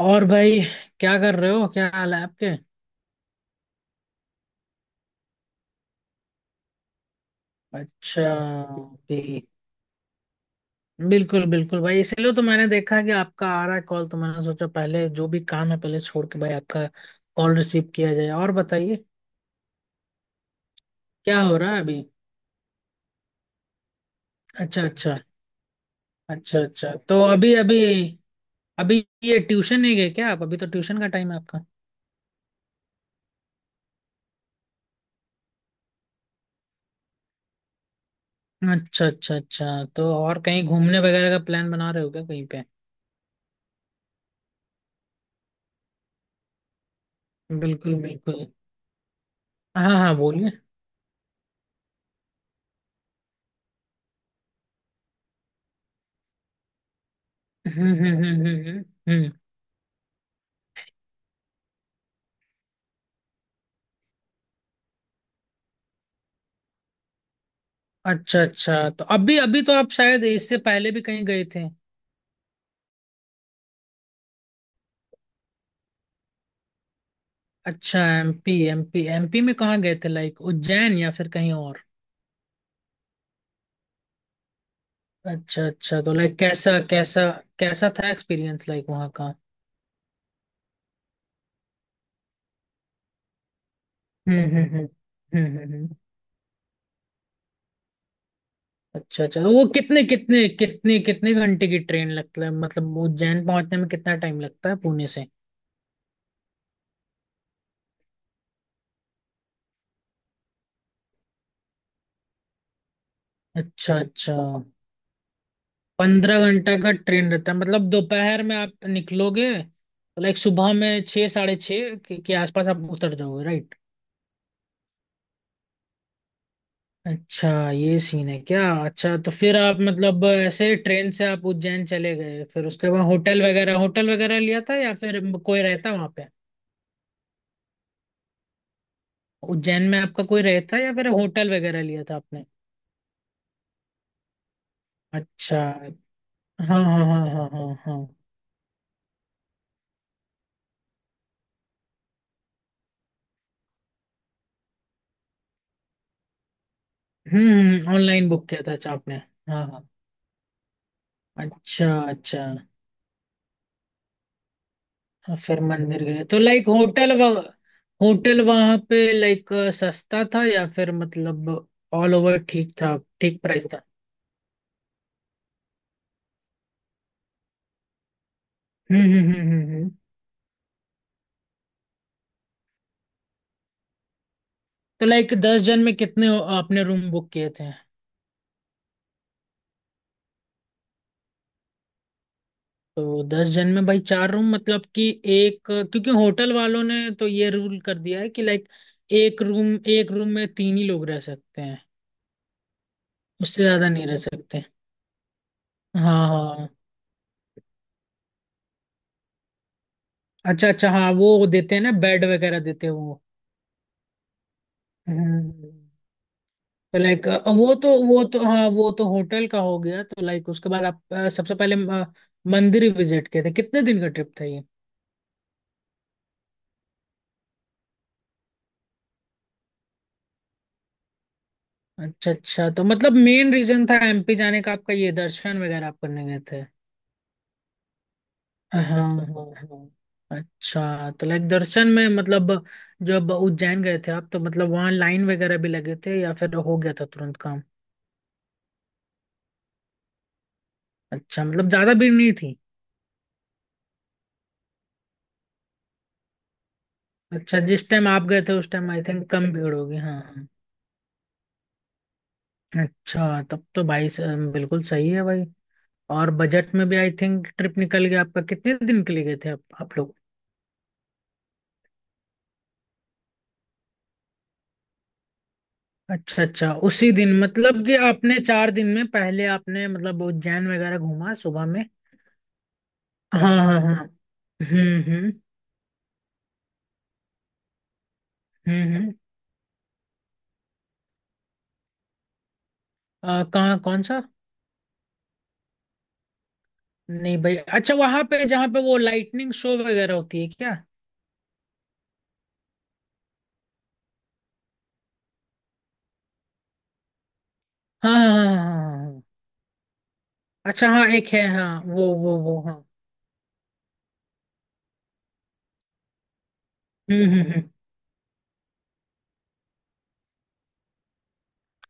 और भाई, क्या कर रहे हो? क्या हाल है आपके? अच्छा। भी। बिल्कुल बिल्कुल भाई, इसलिए तो मैंने देखा कि आपका आ रहा है कॉल, तो मैंने सोचा पहले जो भी काम है पहले छोड़ के भाई आपका कॉल रिसीव किया जाए। और बताइए, क्या हो रहा है अभी? अच्छा अच्छा अच्छा अच्छा। तो अभी अभी अभी ये ट्यूशन नहीं गए क्या आप? अभी तो ट्यूशन का टाइम है आपका। अच्छा अच्छा अच्छा। तो और कहीं घूमने वगैरह का प्लान बना रहे हो क्या कहीं पे? बिल्कुल बिल्कुल। हाँ हाँ, बोलिए। हम्म हम्म हम्म हम्म हम्म हम्म। अच्छा अच्छा। तो अभी अभी तो आप शायद इससे पहले भी कहीं गए थे? अच्छा, एमपी एमपी एमपी में कहाँ गए थे, लाइक उज्जैन या फिर कहीं और? अच्छा अच्छा। तो लाइक कैसा कैसा कैसा था एक्सपीरियंस, लाइक वहाँ का? हम्म हम्म हम्म हम्म हम्म, हम्म। अच्छा अच्छा। तो वो कितने कितने कितने कितने घंटे की ट्रेन लगता है, मतलब उज्जैन पहुंचने में कितना टाइम लगता है पुणे से? अच्छा अच्छा। 15 घंटा का ट्रेन रहता है, मतलब दोपहर में आप निकलोगे तो लाइक सुबह में 6 6:30 के आसपास आप उतर जाओगे, राइट? अच्छा, ये सीन है क्या? अच्छा तो फिर आप मतलब ऐसे ट्रेन से आप उज्जैन चले गए, फिर उसके बाद होटल वगैरह लिया था या फिर कोई रहता वहां पे? उज्जैन में आपका कोई रहता या फिर होटल वगैरह लिया था आपने? अच्छा। हाँ हाँ हाँ हाँ हाँ हाँ। ऑनलाइन बुक किया था अच्छा आपने? हाँ हाँ। अच्छा अच्छा, हाँ, फिर मंदिर गए तो लाइक होटल व होटल वहां पे लाइक सस्ता था या फिर मतलब ऑल ओवर ठीक था? ठीक प्राइस था? हम्म हम्म हम्म हम्म हम्म। तो लाइक 10 जन में कितने आपने रूम बुक किए थे? तो 10 जन में भाई चार रूम, मतलब कि एक? क्योंकि होटल वालों ने तो ये रूल कर दिया है कि लाइक एक रूम में तीन ही लोग रह सकते हैं, उससे ज्यादा नहीं रह सकते। हाँ हाँ। अच्छा अच्छा, हाँ, वो देते हैं ना, बेड वगैरह देते हैं वो। हम्म। लाइक वो तो हाँ वो तो होटल का हो गया, तो लाइक उसके बाद आप सबसे पहले अ, मंदिर विजिट किए थे? कितने दिन का ट्रिप था ये? अच्छा अच्छा। तो मतलब मेन रीजन था एमपी जाने का आपका ये, दर्शन वगैरह आप करने गए थे? हाँ हाँ हाँ। अच्छा, तो लाइक दर्शन में मतलब जब उज्जैन गए थे आप, तो मतलब वहाँ लाइन वगैरह भी लगे थे या फिर हो गया था तुरंत काम? अच्छा, मतलब ज्यादा भीड़ नहीं थी? अच्छा, जिस टाइम आप गए थे उस टाइम आई थिंक कम भीड़ होगी, हाँ हाँ। अच्छा तब तो भाई बिल्कुल सही है भाई। और बजट में भी आई थिंक ट्रिप निकल गया आपका। कितने दिन के लिए गए थे आप लोग? अच्छा अच्छा। उसी दिन मतलब कि आपने चार दिन में पहले आपने मतलब उज्जैन वगैरह घूमा सुबह में? हाँ हाँ हाँ। हम्म हम्म हम्म हम्म कहाँ कौन सा? नहीं भाई, अच्छा वहां पे जहाँ पे वो लाइटनिंग शो वगैरह होती है क्या? हाँ हाँ हाँ हाँ हाँ, हाँ। अच्छा, हाँ एक है, हाँ वो हाँ। हम्म हम्म हम्म।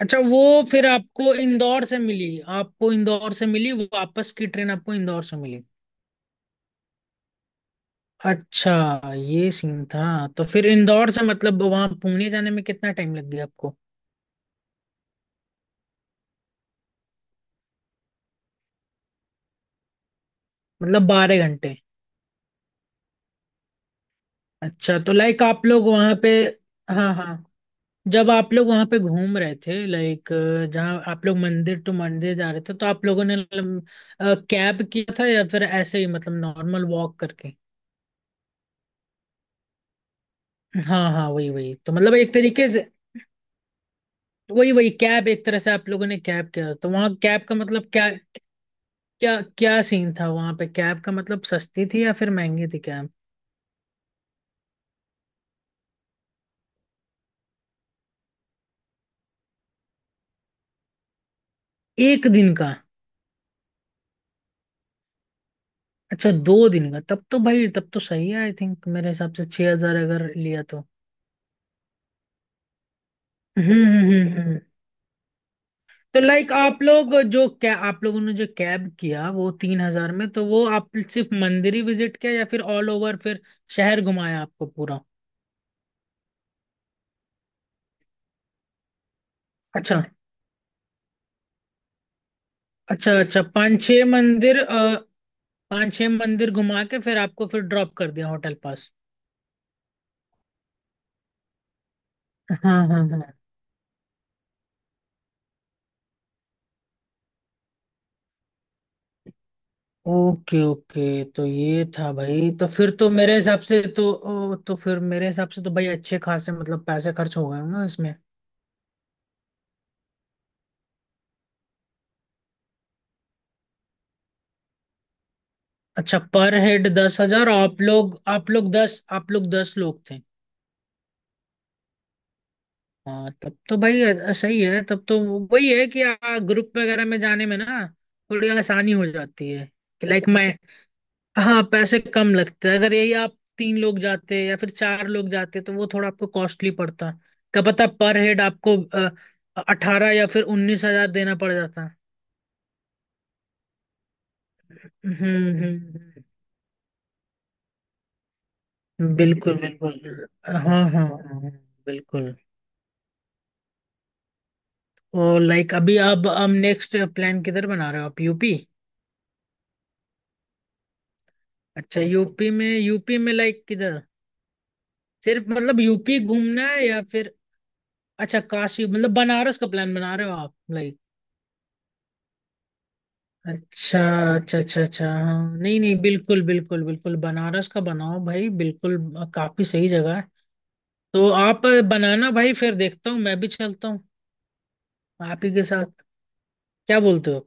अच्छा, वो, फिर आपको इंदौर से मिली, आपको इंदौर से मिली, वापस की ट्रेन आपको इंदौर से मिली? अच्छा, ये सीन था। तो फिर इंदौर से मतलब वहां पुणे जाने में कितना टाइम लग गया आपको? मतलब 12 घंटे? अच्छा, तो लाइक आप लोग वहां पे, हाँ हाँ, जब आप लोग वहां पे घूम रहे थे लाइक, जहाँ आप लोग मंदिर टू मंदिर जा रहे थे तो आप लोगों ने कैब किया था या फिर ऐसे ही मतलब नॉर्मल वॉक करके? हाँ हाँ, वही वही तो मतलब एक तरीके से, वही वही कैब एक तरह से आप लोगों ने कैब किया था। तो वहाँ कैब का मतलब क्या? क्या सीन था वहां पे कैब का, मतलब सस्ती थी या फिर महंगी थी कैब? एक दिन का? अच्छा, दो दिन का, तब तो भाई तब तो सही है आई थिंक। मेरे हिसाब से 6 हजार अगर लिया तो, हम्म हम्म हम्म, हम्म। तो लाइक आप लोग जो, क्या आप लोगों ने जो कैब किया वो 3 हजार में, तो वो आप सिर्फ मंदिर ही विजिट किया या फिर ऑल ओवर फिर शहर घुमाया आपको पूरा? अच्छा अच्छा अच्छा। पांच छह मंदिर घुमा के फिर आपको फिर ड्रॉप कर दिया होटल पास? हाँ हाँ हाँ। ओके ओके, तो ये था भाई। तो फिर तो मेरे हिसाब से तो ओ, तो फिर मेरे हिसाब से तो भाई अच्छे खासे मतलब पैसे खर्च हो गए होंगे ना इसमें? अच्छा, पर हेड 10 हजार? आप लोग 10 लोग थे? हाँ तब तो भाई सही है तब तो। वही है कि ग्रुप वगैरह में जाने में ना थोड़ी आसानी हो जाती है कि लाइक मैं, हाँ पैसे कम लगते हैं अगर यही आप तीन लोग जाते या फिर चार लोग जाते तो वो थोड़ा आपको कॉस्टली पड़ता, क्या पता पर हेड आपको 18 या फिर 19 हजार देना पड़ जाता। हम्म हम्म बिल्कुल बिल्कुल। हाँ हाँ हाँ, बिल्कुल। और लाइक अभी आप हम नेक्स्ट प्लान किधर बना रहे हो आप? यूपी? अच्छा, यूपी में लाइक किधर? सिर्फ मतलब यूपी घूमना है या फिर? अच्छा, काशी मतलब बनारस का प्लान बना रहे हो आप, लाइक? अच्छा अच्छा अच्छा अच्छा, हाँ नहीं नहीं, बिल्कुल बिल्कुल बिल्कुल, बनारस का बनाओ भाई, बिल्कुल काफी सही जगह है। तो आप बनाना भाई, फिर देखता हूँ मैं भी चलता हूँ आप ही के साथ। क्या बोलते हो?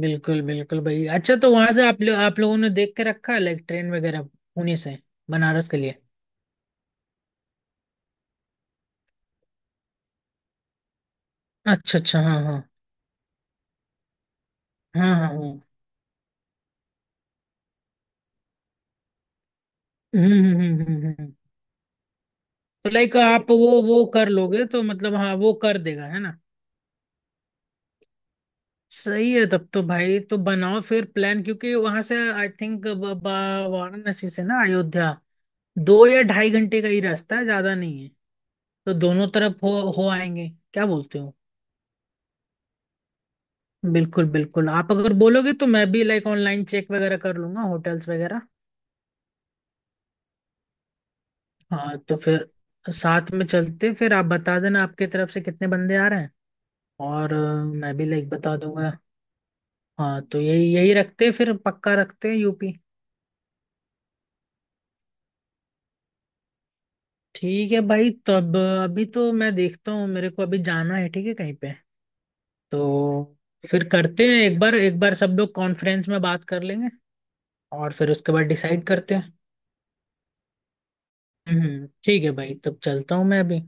बिल्कुल बिल्कुल भाई। अच्छा तो वहां से आप लोगों ने देख के रखा है लाइक ट्रेन वगैरह पुणे से बनारस के लिए? अच्छा अच्छा, हाँ हाँ हाँ हाँ हाँ। हम्म। तो लाइक आप वो कर लोगे तो मतलब, हाँ वो कर देगा, है ना? सही है तब तो भाई, तो बनाओ फिर प्लान, क्योंकि वहां से आई थिंक वाराणसी से ना अयोध्या 2 या 2.5 घंटे का ही रास्ता है, ज्यादा नहीं है। तो दोनों तरफ हो आएंगे। क्या बोलते हो? बिल्कुल बिल्कुल, आप अगर बोलोगे तो मैं भी लाइक ऑनलाइन चेक वगैरह कर लूंगा होटल्स वगैरह। हाँ, तो फिर साथ में चलते, फिर आप बता देना आपके तरफ से कितने बंदे आ रहे हैं। और मैं भी लाइक बता दूंगा। हाँ तो यही यही रखते हैं, फिर पक्का रखते हैं यूपी। ठीक है भाई, तब अभी तो मैं देखता हूँ, मेरे को अभी जाना है ठीक है कहीं पे। तो फिर करते हैं एक बार सब लोग कॉन्फ्रेंस में बात कर लेंगे, और फिर उसके बाद डिसाइड करते हैं। ठीक है भाई, तब चलता हूँ मैं अभी।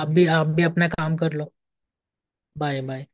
आप भी अपना काम कर लो। Bye bye.